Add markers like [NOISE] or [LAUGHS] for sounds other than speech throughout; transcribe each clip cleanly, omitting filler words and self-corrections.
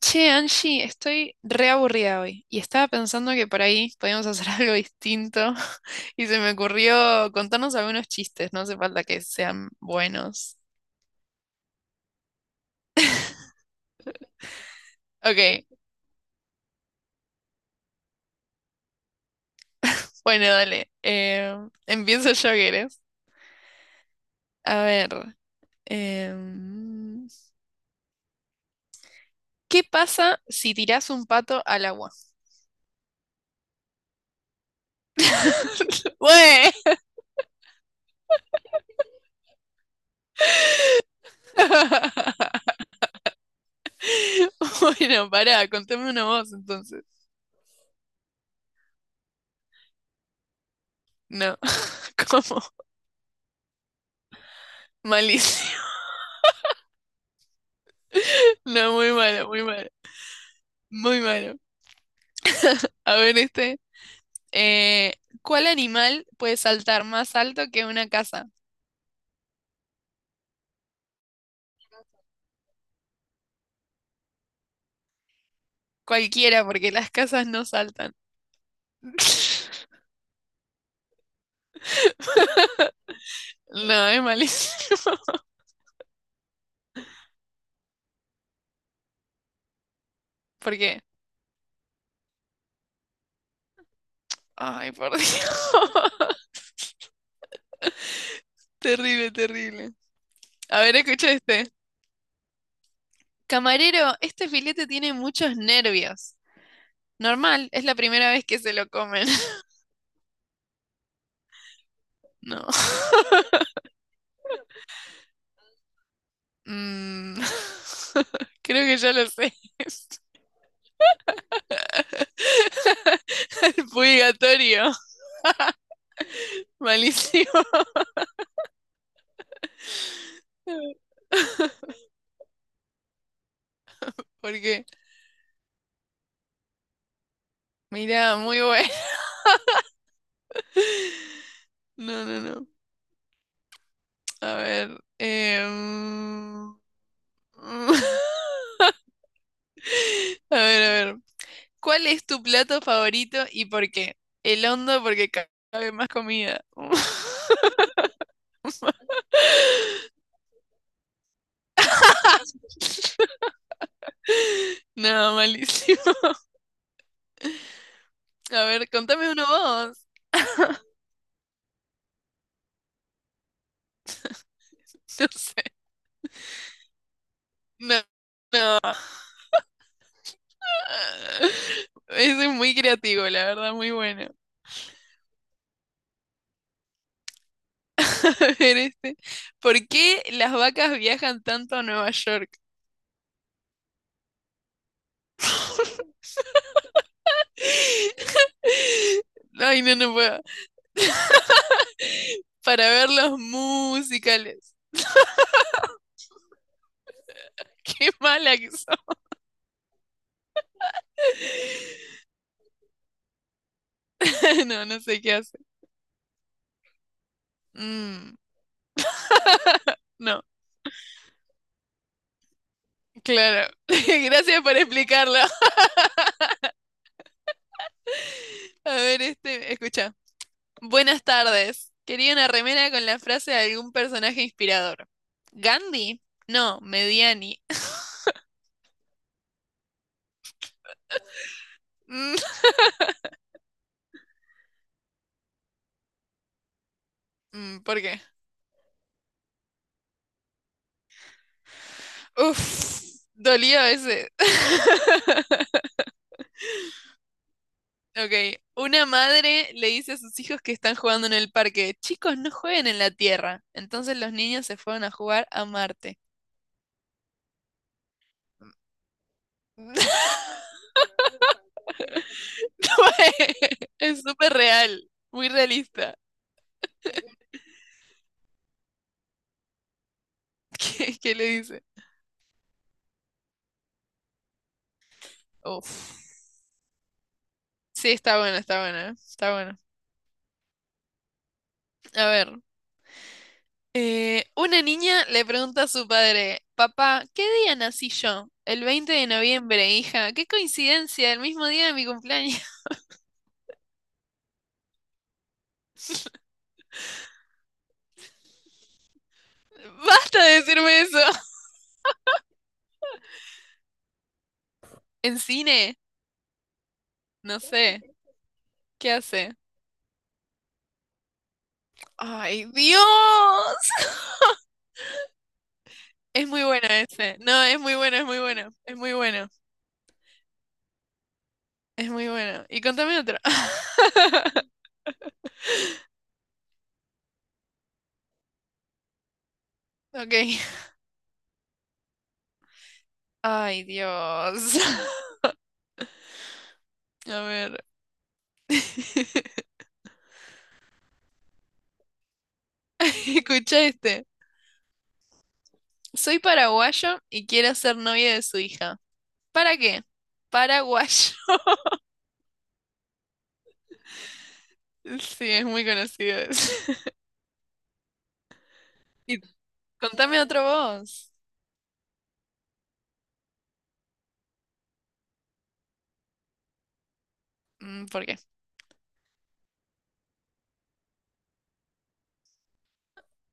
Che, Angie, estoy re aburrida hoy y estaba pensando que por ahí podíamos hacer [LAUGHS] algo distinto [LAUGHS] y se me ocurrió contarnos algunos chistes, no hace falta que sean buenos. Ok, bueno, dale. Empiezo yo, ¿querés? A ver, em, ¿qué pasa si tirás un pato al agua? [LAUGHS] ¡Güey! [LAUGHS] Bueno, pará, contame una voz entonces. No, [LAUGHS] ¿cómo? Malísimo. No, muy malo, muy malo. Muy malo. A ver este. Eh, ¿cuál animal puede saltar más alto que una casa? Cualquiera, porque las casas no saltan. [LAUGHS] No, es malísimo. [LAUGHS] ¿Por qué? Ay, por Dios. [LAUGHS] Terrible, terrible. A ver, escucha este. Camarero, este filete tiene muchos nervios. Normal, es la primera vez que se lo comen. [LAUGHS] No. Mm. [LAUGHS] Creo que ya lo sé. [LAUGHS] Purgatorio. Malísimo. [LAUGHS] ¿Por qué? Mira, muy bueno. [LAUGHS] No, no, no. A ver. [LAUGHS] A ver, a ver. ¿Cuál es tu plato favorito y por qué? El hondo porque cabe más comida. [LAUGHS] No, malísimo. A ver, contame uno vos. [LAUGHS] No sé. No. [LAUGHS] Ese es muy creativo, la verdad, muy bueno. [LAUGHS] A ver, este. ¿Por qué las vacas viajan tanto a Nueva York? [LAUGHS] Ay, no, no puedo. Para ver los musicales. [LAUGHS] Qué mala que soy. [LAUGHS] No, no sé qué hace. Mm, no, claro. [LAUGHS] Gracias por explicarlo. [LAUGHS] A ver, este, escucha. Buenas tardes. Quería una remera con la frase de algún personaje inspirador. ¿Gandhi? No, Mediani. [LAUGHS] Mm, ¿por qué? Uf, dolió ese. [LAUGHS] Ok. Una madre le dice a sus hijos que están jugando en el parque, chicos, no jueguen en la Tierra. Entonces los niños se fueron a jugar a Marte. [LAUGHS] [LAUGHS] Es súper real, muy realista. [LAUGHS] ¿Qué le dice? Uf. Sí, está buena, está buena, está buena. A ver, una niña le pregunta a su padre, papá, ¿qué día nací yo? El 20 de noviembre, hija. Qué coincidencia, el mismo día de mi cumpleaños. [LAUGHS] Basta de decirme eso. [LAUGHS] ¿En cine? No sé. ¿Qué hace? ¡Ay, Dios! [LAUGHS] Es muy bueno ese. No, es muy bueno, es muy bueno, es muy bueno. Es muy bueno. Y contame otra. [LAUGHS] Ok. Ay, Dios. [LAUGHS] A ver. [LAUGHS] Escucha este. Soy paraguayo y quiero ser novia de su hija. ¿Para qué? Paraguayo. [LAUGHS] Sí, es muy conocido ese. [LAUGHS] Y contame otro vos. ¿Por qué?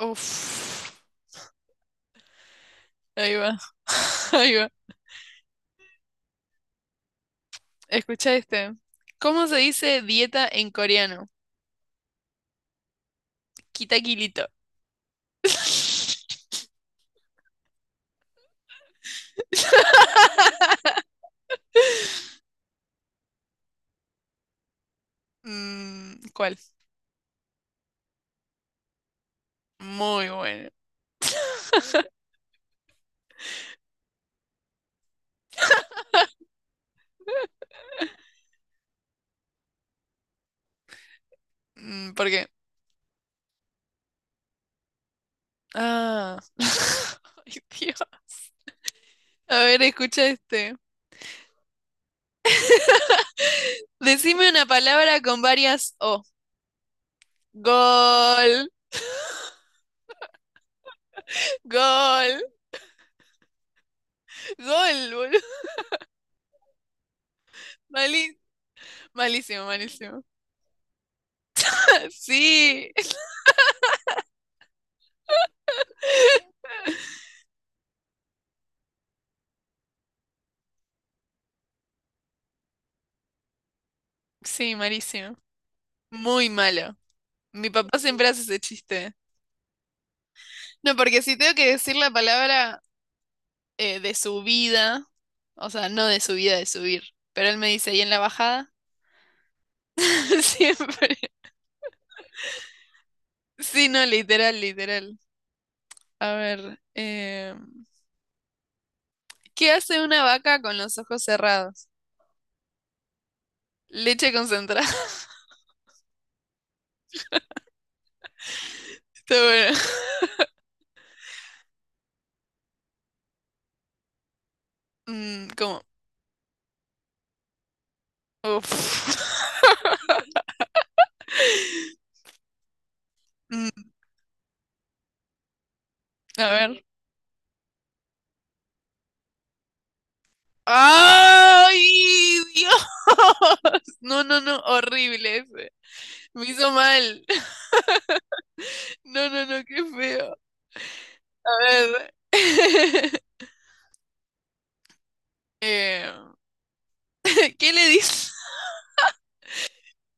Uf. Ahí va. [LAUGHS] Ahí va. Escucha este. ¿Cómo se dice dieta en coreano? Kita kilito. [LAUGHS] ¿Cuál? Muy bueno. [LAUGHS] Porque. Ah. [LAUGHS] Ay, Dios. A ver, escucha este. Decime una palabra con varias O. Gol, gol, gol, boludo. Mali- malísimo, malísimo. [LAUGHS] Sí, sí, malísimo. Muy malo. Mi papá siempre hace ese chiste. No, porque si tengo que decir la palabra de subida, o sea, no de subida, de subir, pero él me dice, ¿y en la bajada? [LAUGHS] Siempre. Sí, no, literal, literal. A ver, ¿qué hace una vaca con los ojos cerrados? Leche concentrada. [LAUGHS] Está bueno. ¿Cómo? Uf. [LAUGHS] Mm, a ver. ¡Ay, Dios! [LAUGHS] No, no, no, horrible ese. Me hizo mal. [LAUGHS] No, no, no, qué feo. A ver. [LAUGHS] Eh, [LAUGHS] ¿qué le dice,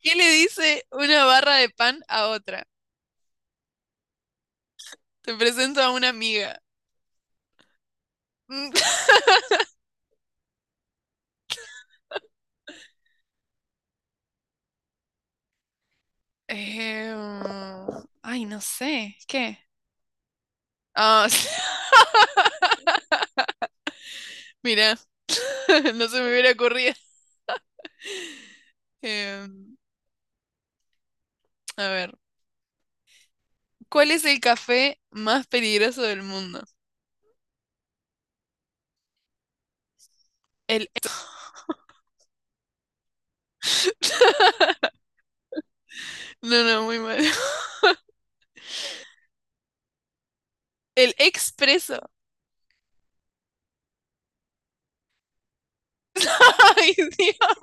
qué le dice una barra de pan a otra? Te presento a una amiga. [LAUGHS] Eh, ay, no sé. ¿Qué? Ah, [LAUGHS] mira, [LAUGHS] no se me hubiera ocurrido. Eh, a ver, ¿cuál es el café más peligroso del mundo? El. [GASPS] No, no, muy mal. [LAUGHS] El expreso. [LAUGHS] Ay, Dios.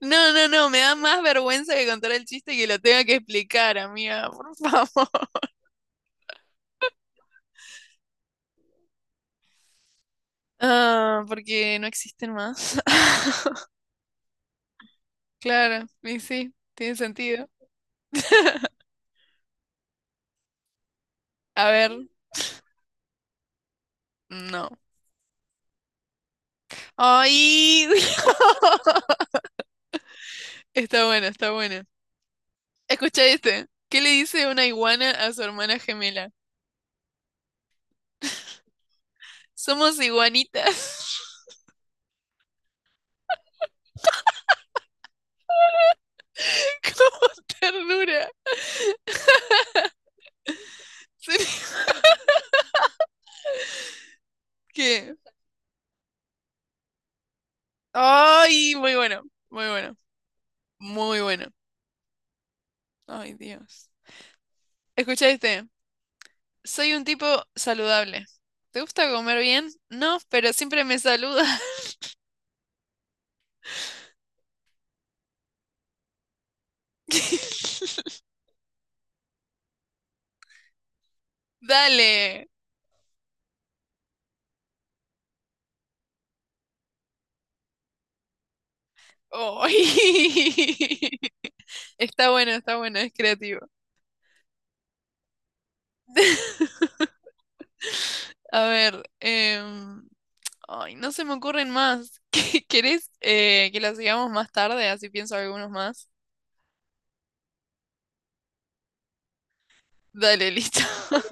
No, no, no, me da más vergüenza que contar el chiste y que lo tenga que explicar, amiga, por [LAUGHS] favor. Ah, porque no existen más. [LAUGHS] Claro, y sí, tiene sentido. [LAUGHS] A ver, no. Ay, [LAUGHS] está bueno, está bueno. Escucha este. ¿Qué le dice una iguana a su hermana gemela? Somos iguanitas. [LAUGHS] Como ternura. [LAUGHS] ¿Qué? Ay, muy bueno, muy bueno, muy bueno. Ay, Dios. Escucha este. Soy un tipo saludable. ¿Te gusta comer bien? No, pero siempre me saluda. [LAUGHS] Dale. Ay. [LAUGHS] Está bueno, es creativo. [LAUGHS] A ver, ay, no se me ocurren más. [LAUGHS] ¿Querés que las sigamos más tarde? Así pienso algunos más. Dale, listo. [LAUGHS]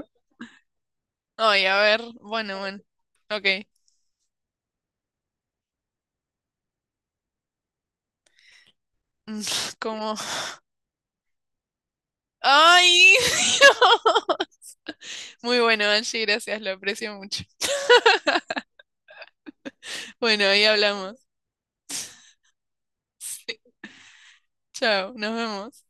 Ay, a ver, bueno, bueno, ok. Mm, [LAUGHS] ¿Cómo? ¡Ay! [LAUGHS] Muy bueno, Angie, gracias, lo aprecio mucho. Bueno, ahí hablamos. Chao, nos vemos.